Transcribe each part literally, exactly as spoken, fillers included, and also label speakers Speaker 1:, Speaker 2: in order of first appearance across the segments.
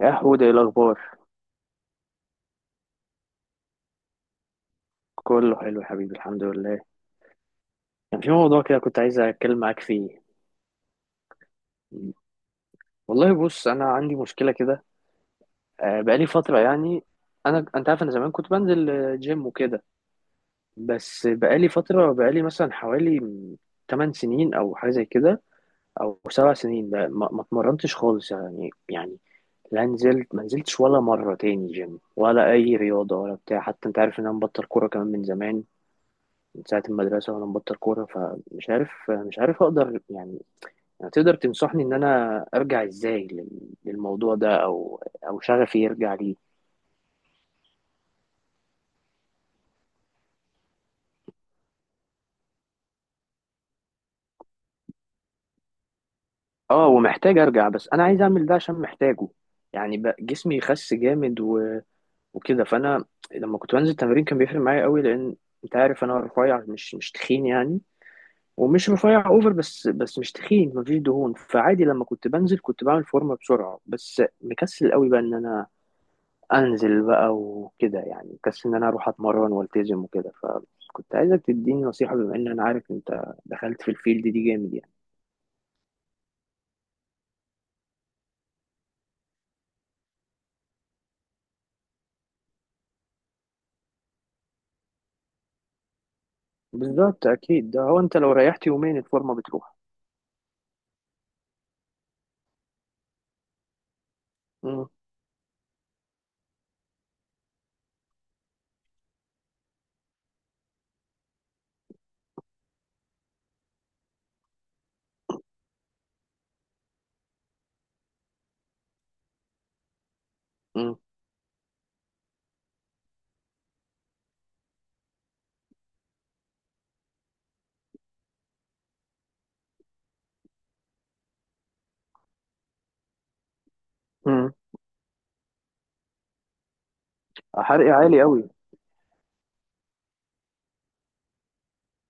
Speaker 1: يا حود، ايه الاخبار؟ كله حلو يا حبيبي، الحمد لله. كان في موضوع كده كنت عايز اتكلم معاك فيه. والله بص، انا عندي مشكله كده. آه، بقالي فتره يعني. انا انت عارف، انا زمان كنت بنزل آه، جيم وكده. بس بقالي فتره بقالي مثلا حوالي 8 سنين او حاجه زي كده، او 7 سنين بقى- ما ما اتمرنتش خالص، يعني يعني لا نزلت ما نزلتش ولا مره تاني جيم، ولا اي رياضه ولا بتاع. حتى انت عارف ان انا مبطل كوره كمان من زمان، من ساعة المدرسة وأنا مبطل كورة. فمش عارف، مش عارف أقدر يعني تقدر تنصحني إن أنا أرجع إزاي لل- للموضوع ده، أو أو شغفي يرجع ليه. أه، ومحتاج أرجع، بس أنا عايز أعمل ده عشان محتاجه. يعني بقى جسمي خس جامد و... وكده. فأنا لما كنت بنزل تمرين كان بيفرق معايا قوي، لأن أنت عارف أنا رفيع، مش مش تخين يعني. ومش رفيع اوفر، بس بس مش تخين، مفيش دهون. فعادي لما كنت بنزل كنت بعمل فورمه بسرعه. بس مكسل قوي بقى ان انا انزل بقى وكده، يعني كسل ان انا اروح اتمرن والتزم وكده. فكنت عايزك تديني نصيحة، بما ان انا عارف انت دخلت في الفيلد دي جامد يعني. بالظبط، اكيد ده هو. انت لو ريحت يومين، الفورمة بتروح. مم. مم. مم. حرق عالي قوي.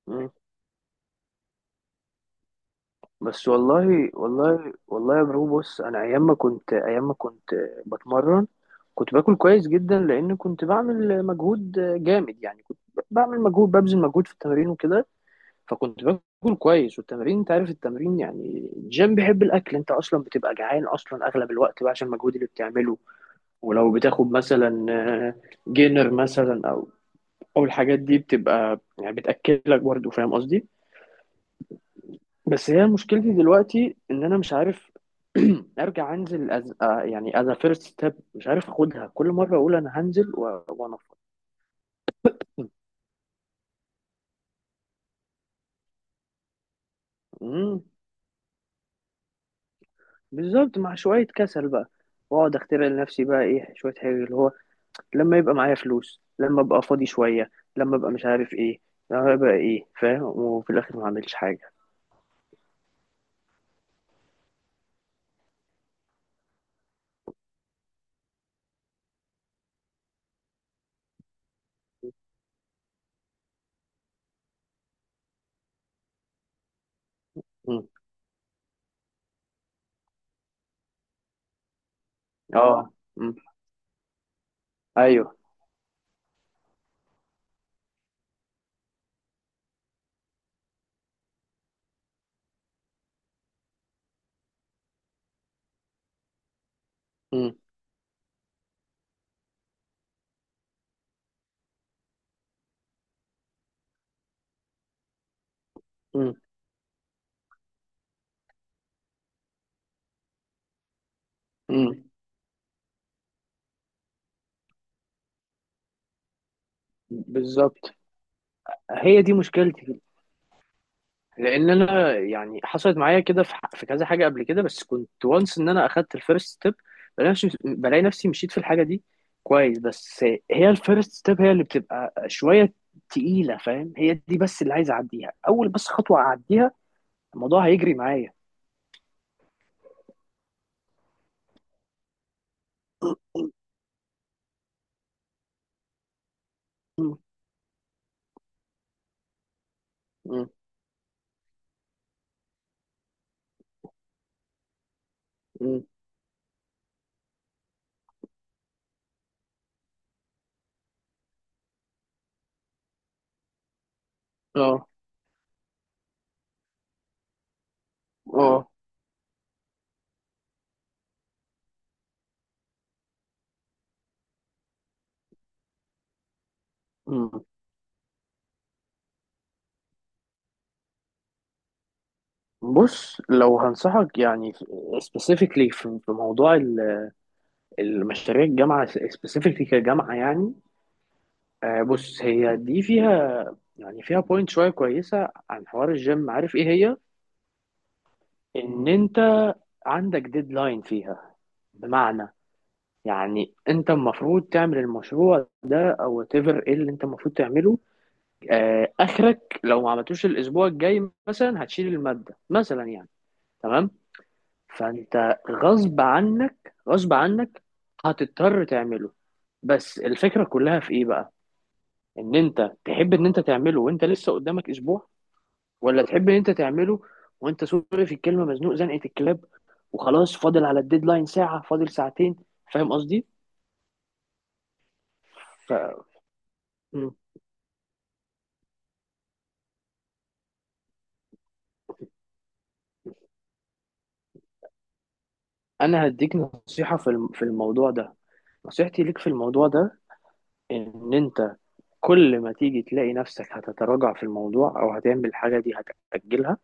Speaker 1: مم. بس والله والله والله يا برو، بص انا ايام ما كنت ايام ما كنت بتمرن كنت باكل كويس جدا، لان كنت بعمل مجهود جامد يعني. كنت بعمل مجهود ببذل مجهود في التمرين وكده. فكنت باكل كويس. والتمرين انت عارف، التمرين يعني الجيم بيحب الاكل، انت اصلا بتبقى جعان اصلا اغلب الوقت بقى عشان المجهود اللي بتعمله. ولو بتاخد مثلا آه، جينر مثلا، او او الحاجات دي بتبقى يعني بتاكلك، برضه فاهم قصدي. بس هي مشكلتي دلوقتي ان انا مش عارف ارجع انزل، أز... آه، يعني از فيرست ستيب، مش عارف اخدها. كل مره اقول انا هنزل و- وانفض. مم. بالظبط، مع شويه كسل بقى. واقعد اخترع لنفسي بقى ايه، شويه حاجه اللي هو لما يبقى معايا فلوس، لما ابقى فاضي شوية، لما ابقى مش عارف ايه، لما ابقى ايه، فاهم، وفي الاخر ما اعملش حاجة. مم. اه، مم. ايوه. مم. مم. مم. بالظبط، هي دي مشكلتي. لان انا يعني حصلت معايا كده في ح- في كذا حاجة قبل كده، بس كنت وانس ان انا اخدت الفيرست ستيب، بلاقي نفسي، بلاقي نفسي مشيت في الحاجة دي كويس. بس هي الفيرست ستيب هي اللي بتبقى شوية تقيلة، فاهم. هي دي بس اللي عايز اعديها، اول بس خطوة اعديها، الموضوع هيجري معايا. مم. مم. مم. اه، اه. مم. بص، لو هنصحك يعني سبيسيفيكلي في في موضوع ال- المشاريع الجامعه، سبيسيفيكلي كجامعه يعني. آه، بص هي دي فيها يعني فيها بوينت شويه كويسه عن حوار الجيم، عارف ايه هي؟ ان انت عندك ديدلاين فيها، بمعنى يعني انت المفروض تعمل المشروع ده او whatever ايه اللي انت المفروض تعمله. آه، اخرك لو ما عملتوش الاسبوع الجاي مثلا هتشيل الماده مثلا يعني. تمام. فانت غصب عنك، غصب عنك هتضطر تعمله. بس الفكره كلها في ايه بقى؟ ان انت تحب ان انت تعمله وانت لسه قدامك اسبوع، ولا تحب ان انت تعمله وانت سوري في الكلمه مزنوق زنقه الكلاب، وخلاص فاضل على الديدلاين ساعه، فاضل ساعتين، فاهم قصدي. ف... م. انا هديك نصيحه في الم- في الموضوع ده. نصيحتي ليك في الموضوع ده ان انت كل ما تيجي تلاقي نفسك هتتراجع في الموضوع او هتعمل حاجه دي، هتأجلها،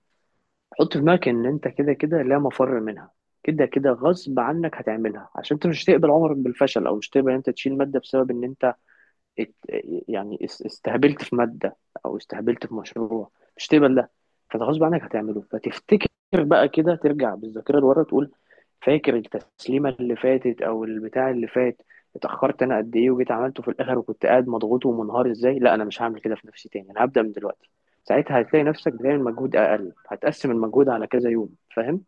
Speaker 1: حط في دماغك ان انت كده كده لا مفر منها، كده كده غصب عنك هتعملها. عشان انت مش هتقبل عمرك بالفشل، او مش هتقبل ان انت تشيل ماده بسبب ان انت ات- يعني اس- استهبلت في مادة أو استهبلت في مشروع. مش تقبل ده. فانت غصب عنك هتعمله. فتفتكر بقى كده، ترجع بالذاكرة لورا، تقول فاكر التسليمة اللي فاتت أو البتاع اللي فات، اتأخرت أنا قد إيه وجيت عملته في الآخر وكنت قاعد مضغوط ومنهار إزاي. لا، أنا مش هعمل كده في نفسي تاني، أنا هبدأ من دلوقتي. ساعتها هتلاقي نفسك بتعمل مجهود أقل، هتقسم المجهود على كذا يوم، فاهم؟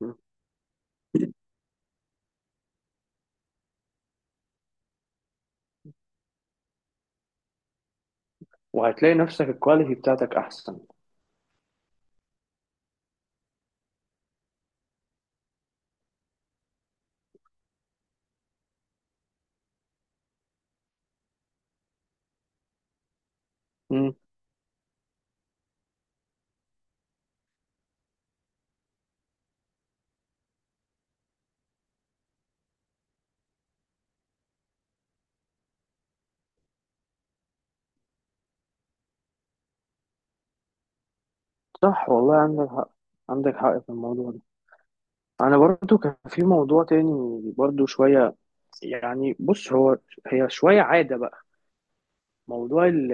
Speaker 1: م. وهتلاقي نفسك الكواليتي بتاعتك أحسن. م. صح، والله عندك حق، عندك حق في الموضوع ده. انا برضو كان في موضوع تاني برضو شوية، يعني بص هو هي شوية عادة بقى، موضوع ال-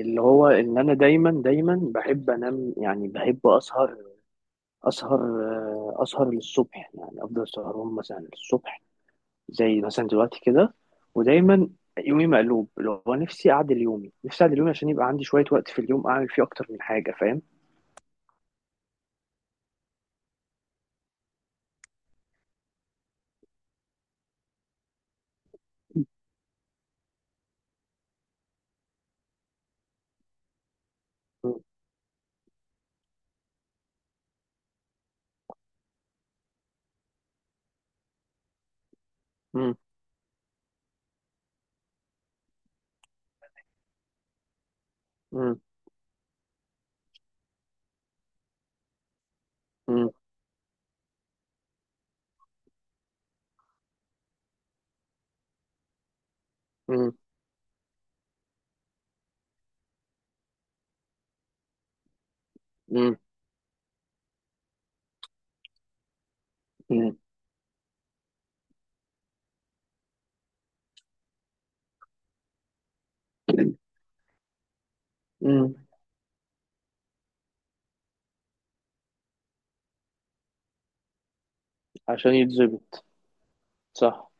Speaker 1: اللي هو ان انا دايما دايما بحب انام، يعني بحب اسهر اسهر آه، اسهر للصبح، يعني افضل سهران مثلا للصبح، زي مثلا دلوقتي كده. ودايما يومي مقلوب، اللي هو نفسي اعدل يومي، نفسي اعدل يومي عشان يبقى عندي شوية وقت في اليوم اعمل فيه اكتر من حاجة، فاهم. مم. مم. مم. مم. مم. مم. مم. عشان يتظبط. صح.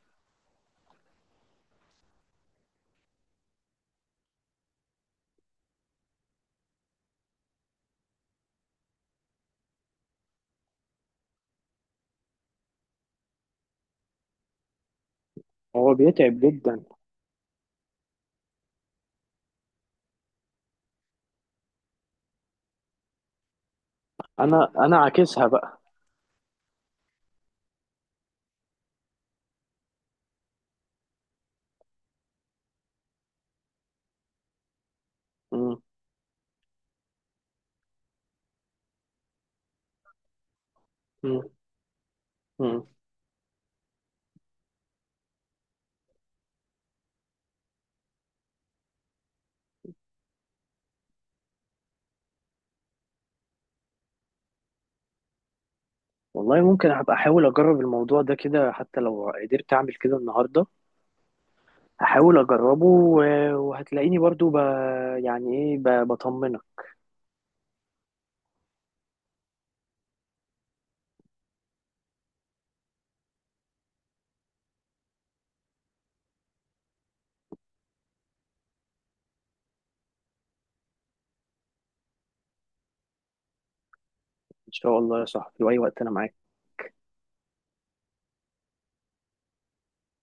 Speaker 1: هو بيتعب جدا. انا انا عاكسها بقى. مم. مم. مم. والله ممكن هبقى احاول اجرب الموضوع ده كده، حتى لو قدرت اعمل كده النهارده هحاول اجربه، و- وهتلاقيني برضو ب... يعني ايه، ب... بطمنك. ان شاء الله يا صاحبي، في اي وقت انا معاك.